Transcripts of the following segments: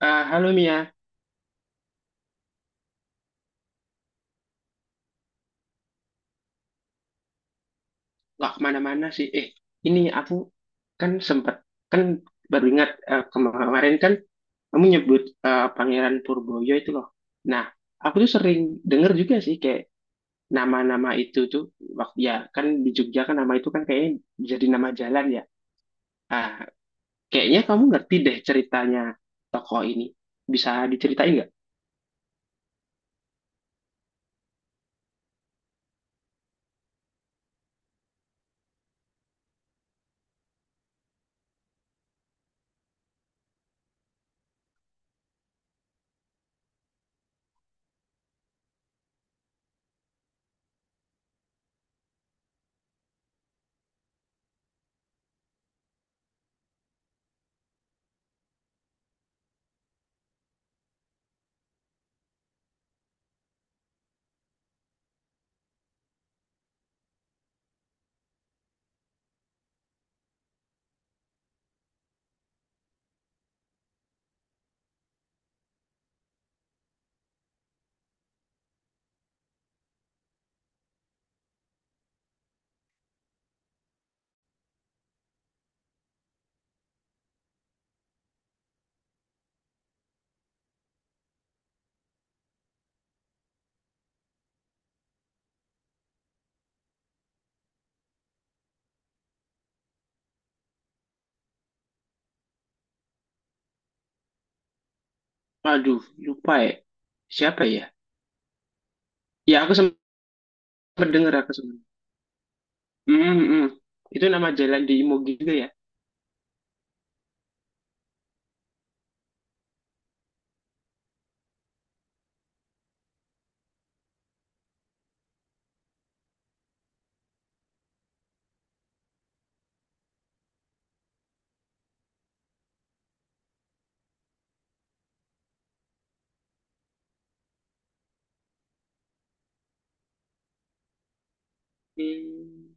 Halo Mia, nggak kemana-mana sih. Ini aku kan sempat kan baru ingat kemarin kan kamu nyebut Pangeran Purboyo itu loh. Nah, aku tuh sering denger juga sih kayak nama-nama itu tuh waktu ya kan di Jogja kan nama itu kan kayaknya jadi nama jalan ya. Ah, kayaknya kamu ngerti deh ceritanya tokoh ini. Bisa diceritain nggak? Aduh, lupa ya. Siapa ya? Ya aku sempat denger, aku sempat. Hmm, hmm. Itu nama jalan di Imogi juga ya. Hmm.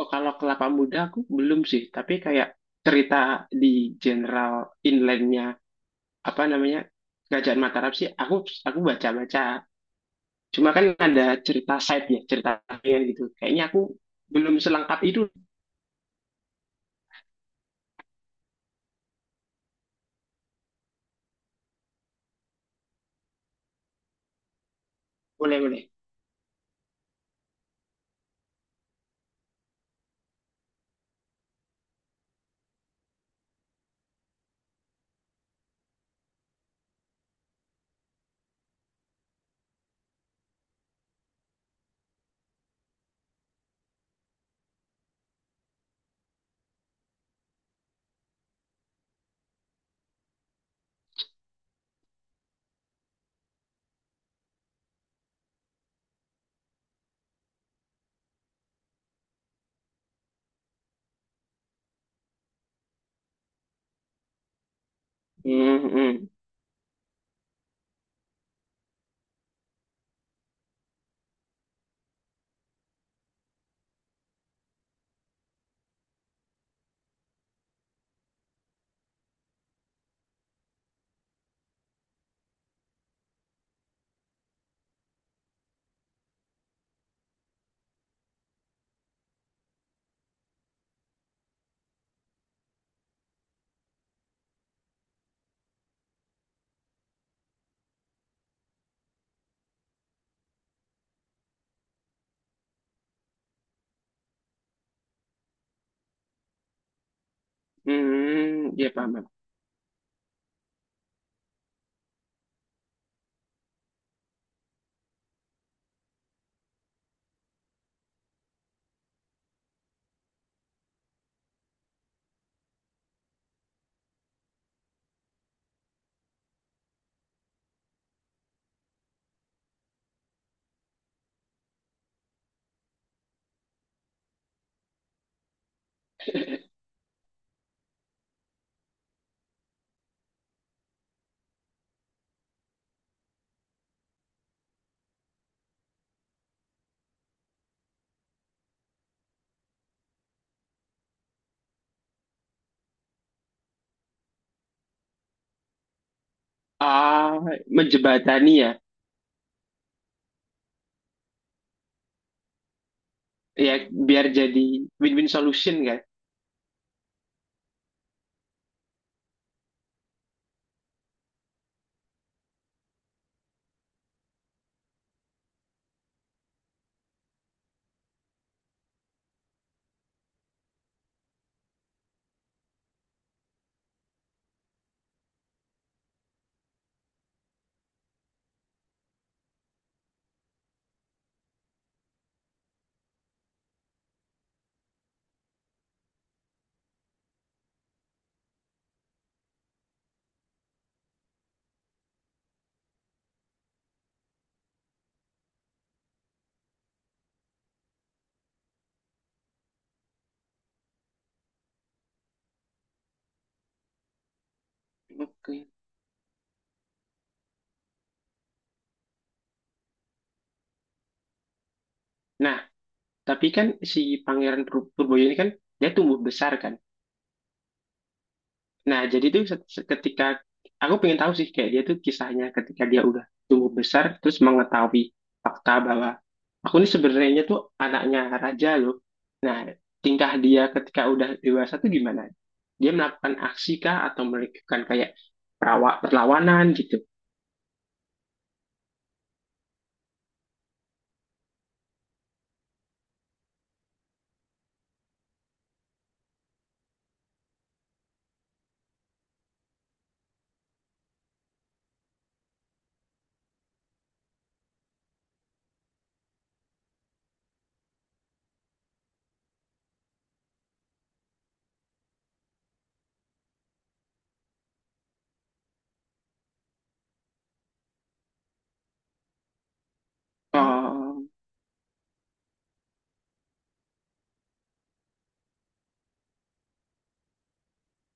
Oh, kalau kelapa muda aku belum sih, tapi kayak cerita di general inlandnya, apa namanya, Kerajaan Mataram sih, aku baca-baca. Cuma kan ada cerita side-nya, cerita sampingan gitu. Kayaknya aku belum selengkap itu. Boleh boleh. Hmm, hmm, hmm, ya paham, paham. Ah, menjebatani ya, ya biar jadi win-win solution kan. Oke. Nah, tapi kan si Purboyo ini kan dia tumbuh besar kan. Nah, ketika aku pengen tahu sih kayak dia tuh kisahnya ketika dia udah tumbuh besar terus mengetahui fakta bahwa aku ini sebenarnya tuh anaknya raja loh. Nah, tingkah dia ketika udah dewasa tuh gimana? Dia melakukan aksi kah atau melakukan kayak perlawanan gitu? Oh,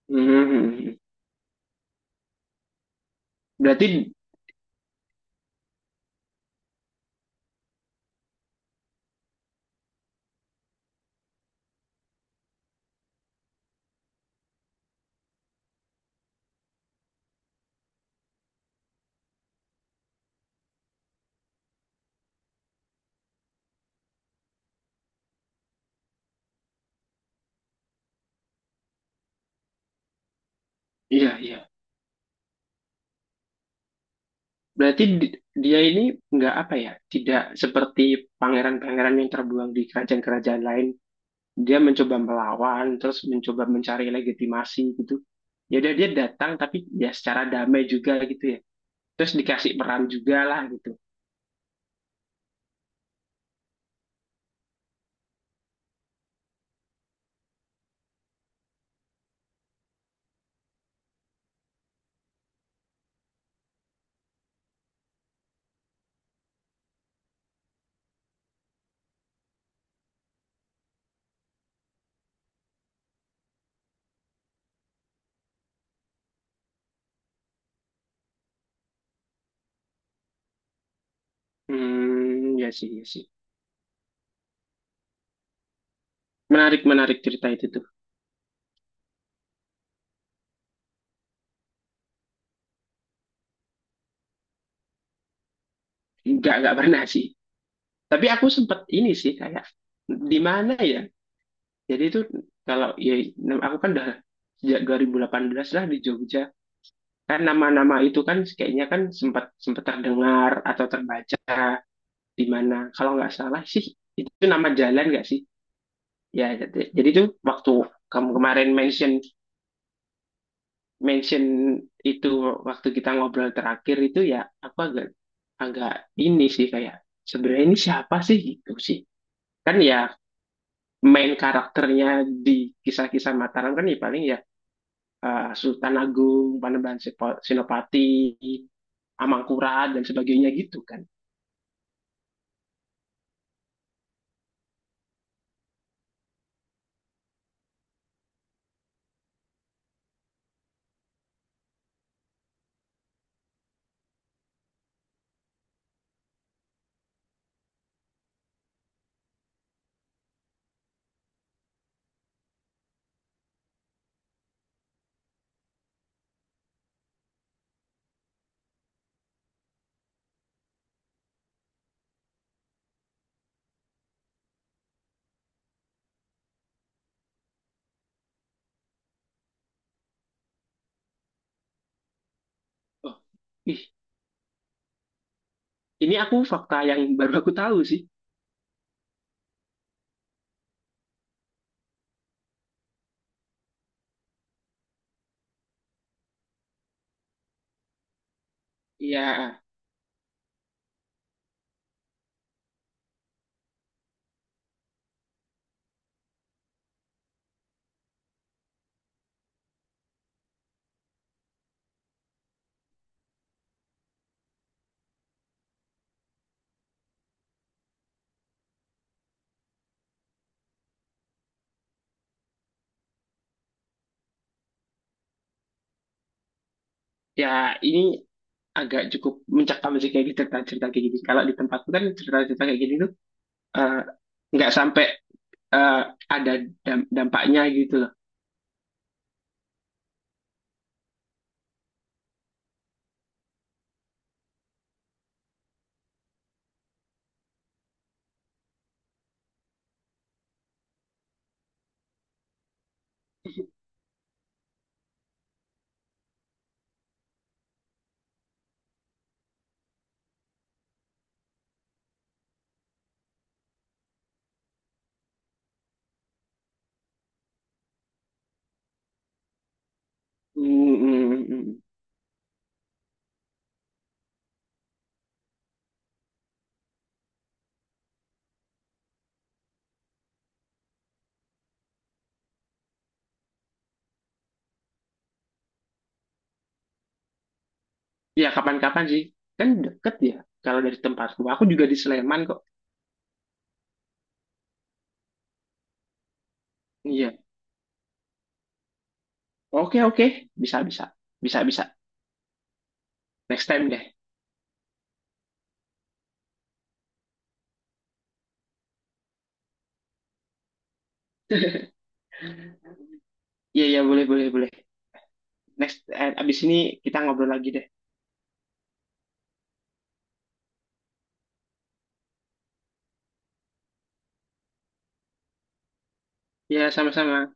hmm, hmm, hmm, hmm. Berarti iya, iya. Berarti dia ini nggak apa ya? Tidak seperti pangeran-pangeran yang terbuang di kerajaan-kerajaan lain, dia mencoba melawan terus mencoba mencari legitimasi gitu, ya udah dia datang tapi ya secara damai juga gitu ya, terus dikasih peran juga lah gitu. Hmm, ya sih, ya sih, menarik, menarik cerita itu tuh. Nggak pernah sih, tapi aku sempet ini sih kayak, di mana ya, jadi itu kalau ya aku kan udah sejak 2018 lah di Jogja, kan nama-nama itu kan kayaknya kan sempat sempat terdengar atau terbaca di mana, kalau nggak salah sih itu nama jalan nggak sih. Ya, jadi tuh waktu kamu kemarin mention mention itu waktu kita ngobrol terakhir itu ya, aku agak agak ini sih kayak sebenarnya ini siapa sih gitu sih. Kan ya main karakternya di kisah-kisah Mataram kan ya paling ya Sultan Agung, Senopati, Amangkurat dan sebagainya gitu kan. Oh, ih, ini aku fakta yang baru aku tahu sih. Ya, ya ini agak cukup mencekam sih kayak gitu cerita-cerita kayak gini. Kalau di tempatku kan cerita-cerita kayak gini tuh eh, nggak sampai eh, ada dampaknya gitu loh. Hmm, hmm, hmm. Ya kapan-kapan sih, kan deket ya. Kalau dari tempatku, aku juga di Sleman kok. Iya, oke oke, bisa bisa, bisa bisa. Next time deh. Iya iya, boleh boleh boleh. Next, abis ini kita ngobrol lagi deh. Iya sama-sama.